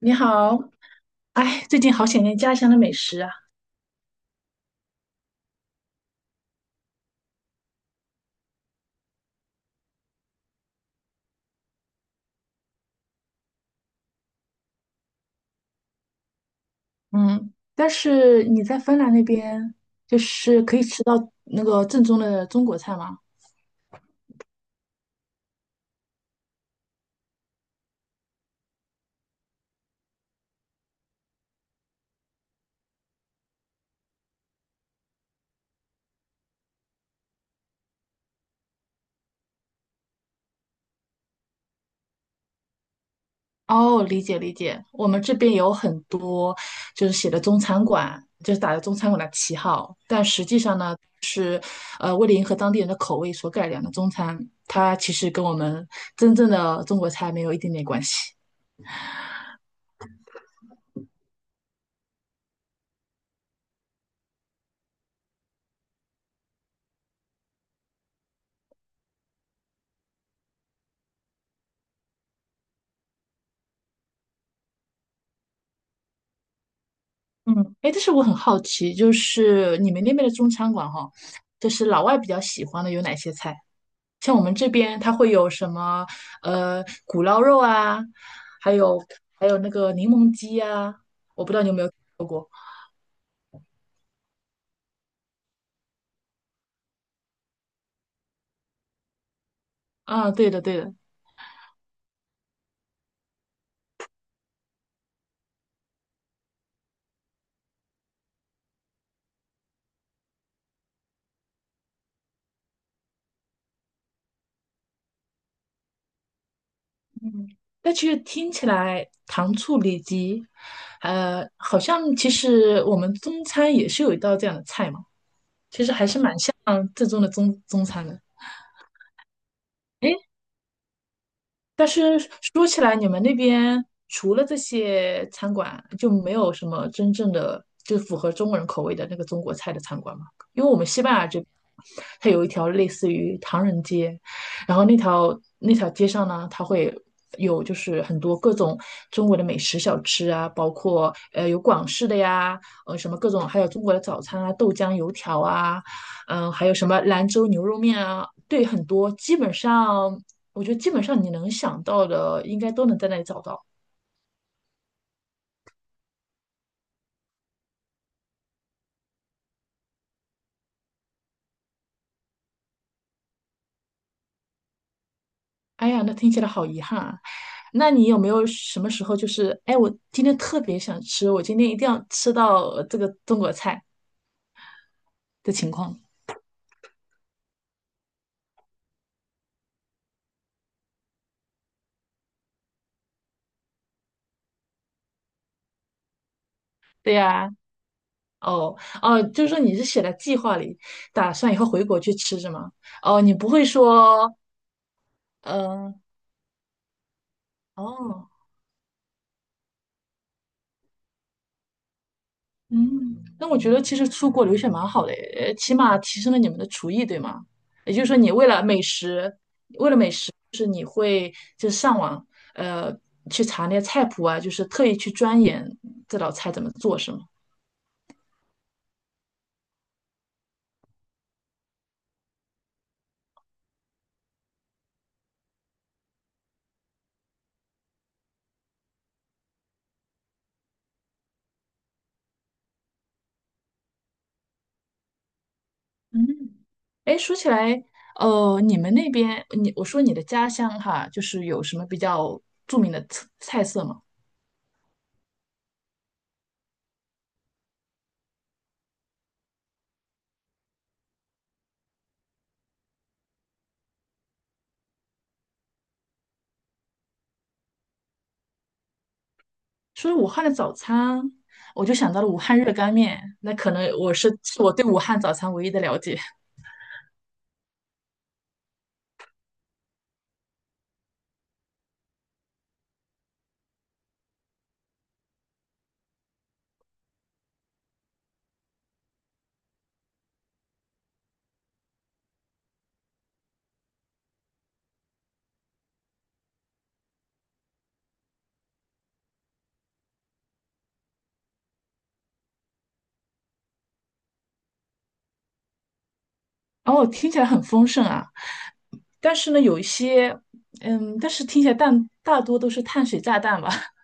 你好，哎，最近好想念家乡的美食啊。嗯，但是你在芬兰那边，就是可以吃到那个正宗的中国菜吗？哦，理解理解。我们这边有很多就是写的中餐馆，就是打着中餐馆的旗号，但实际上呢，为了迎合当地人的口味所改良的中餐，它其实跟我们真正的中国菜没有一点点关系。嗯，哎，但是我很好奇，就是你们那边的中餐馆哈，就是老外比较喜欢的有哪些菜？像我们这边，它会有什么古捞肉啊，还有那个柠檬鸡啊，我不知道你有没有吃过啊？对的，对的。但其实听起来糖醋里脊，好像其实我们中餐也是有一道这样的菜嘛，嗯，正宗的中餐的。但是说起来，你们那边除了这些餐馆，就没有什么真正的就符合中国人口味的那个中国菜的餐馆吗？因为我们西班牙这边，它有一条类似于唐人街，然后那条街上呢，它会有就是很多各种中国的美食小吃啊，包括有广式的呀，呃什么各种，还有中国的早餐啊，豆浆油条啊，嗯、还有什么兰州牛肉面啊，对，很多基本上。我觉得基本上你能想到的，应该都能在那里找到。哎呀，那听起来好遗憾啊！那你有没有什么时候就是，哎，我今天特别想吃，我今天一定要吃到这个中国菜的情况？对呀、哦哦，就是说你是写在计划里，打算以后回国去吃是吗？哦，你不会说，嗯、哦，嗯，那我觉得其实出国留学蛮好的诶，起码提升了你们的厨艺，对吗？也就是说，你为了美食就是上网呃去查那些菜谱啊，就是特意去钻研这道菜怎么做，是吗？嗯，哎，说起来，哦，你们那边，我说你的家乡哈，就是有什么比较著名的菜色吗？说武汉的早餐，我就想到了武汉热干面，那可能我是是我对武汉早餐唯一的了解。然后听起来很丰盛啊，但是呢，有一些，嗯，但是听起来但大多都是碳水炸弹吧。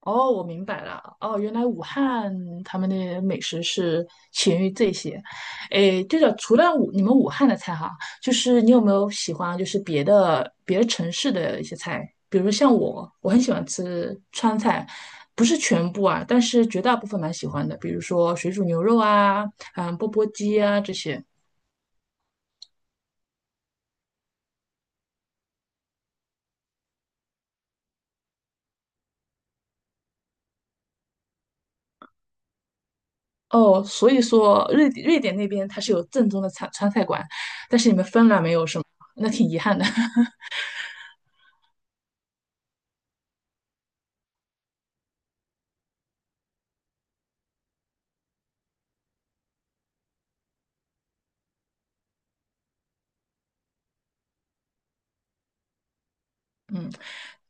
哦，我明白了。哦，原来武汉他们的美食是起源于这些。诶，对了，除了你们武汉的菜哈，就是你有没有喜欢就是别的城市的一些菜？比如说像我，我很喜欢吃川菜，不是全部啊，但是绝大部分蛮喜欢的。比如说水煮牛肉啊，嗯，钵钵鸡啊这些。哦，所以说瑞典那边它是有正宗的川菜馆，但是你们芬兰没有是吗？那挺遗憾的。嗯。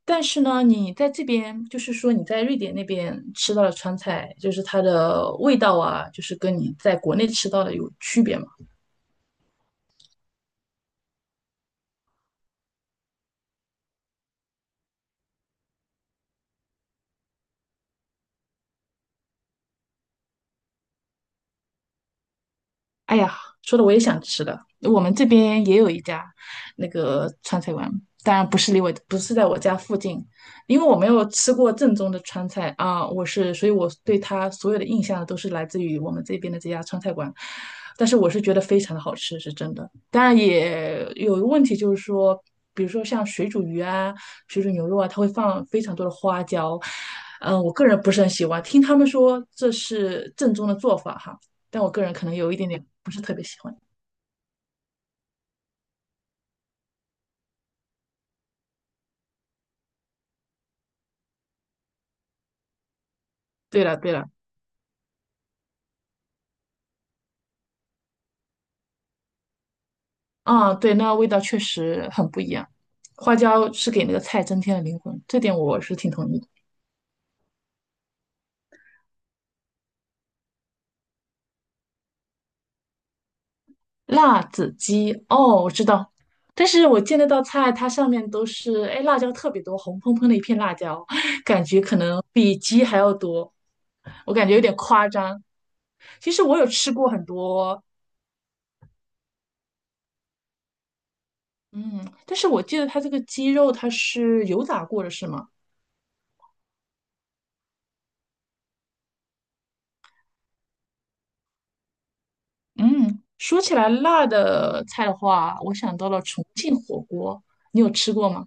但是呢，你在这边，就是说你在瑞典那边吃到的川菜，就是它的味道啊，就是跟你在国内吃到的有区别嘛。哎呀，说的我也想吃了。我们这边也有一家那个川菜馆，当然不是离我，不是在我家附近，因为我没有吃过正宗的川菜啊，我是，所以我对它所有的印象都是来自于我们这边的这家川菜馆。但是我是觉得非常的好吃，是真的。当然也有一个问题，就是说，比如说像水煮鱼啊、水煮牛肉啊，它会放非常多的花椒，嗯，我个人不是很喜欢。听他们说这是正宗的做法哈。但我个人可能有一点点不是特别喜欢。对了对了，啊，对，那味道确实很不一样。花椒是给那个菜增添了灵魂，这点我是挺同意的辣子鸡，哦，我知道，但是我见那道菜，它上面都是，哎，辣椒特别多，红喷喷的一片辣椒，感觉可能比鸡还要多，我感觉有点夸张。其实我有吃过很多，嗯，但是我记得它这个鸡肉它是油炸过的，是吗？嗯，说起来辣的菜的话，我想到了重庆火锅，你有吃过吗？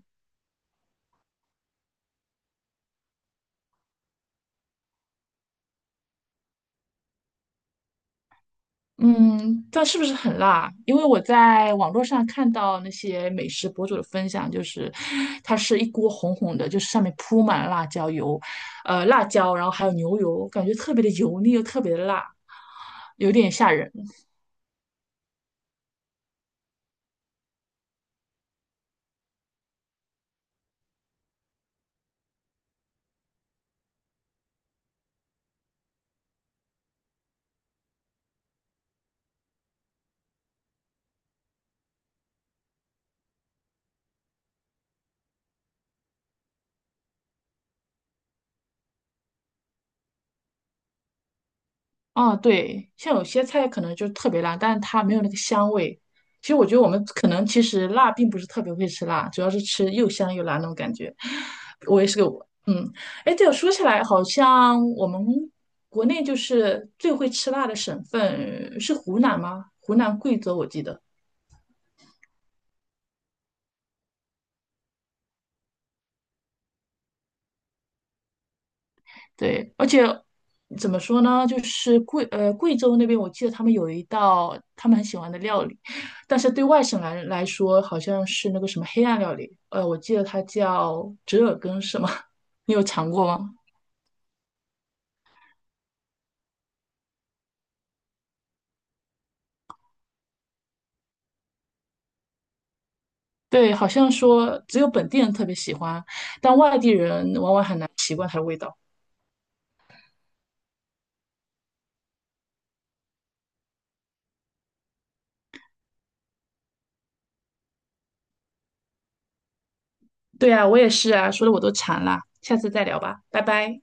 嗯，但是不是很辣？因为我在网络上看到那些美食博主的分享，就是它是一锅红红的，就是上面铺满了辣椒油，辣椒，然后还有牛油，感觉特别的油腻又特别的辣，有点吓人。啊，对，像有些菜可能就特别辣，但是它没有那个香味。其实我觉得我们可能其实辣并不是特别会吃辣，主要是吃又香又辣那种感觉。我也是个我，嗯，哎，对，我说起来，好像我们国内就是最会吃辣的省份是湖南吗？湖南、贵州，我记得。对，而且怎么说呢，就是呃贵州那边，我记得他们有一道他们很喜欢的料理，但是对外省来来说，好像是那个什么黑暗料理，我记得它叫折耳根，是吗？你有尝过吗？对，好像说只有本地人特别喜欢，但外地人往往很难习惯它的味道。对啊，我也是啊，说的我都馋了，下次再聊吧，拜拜。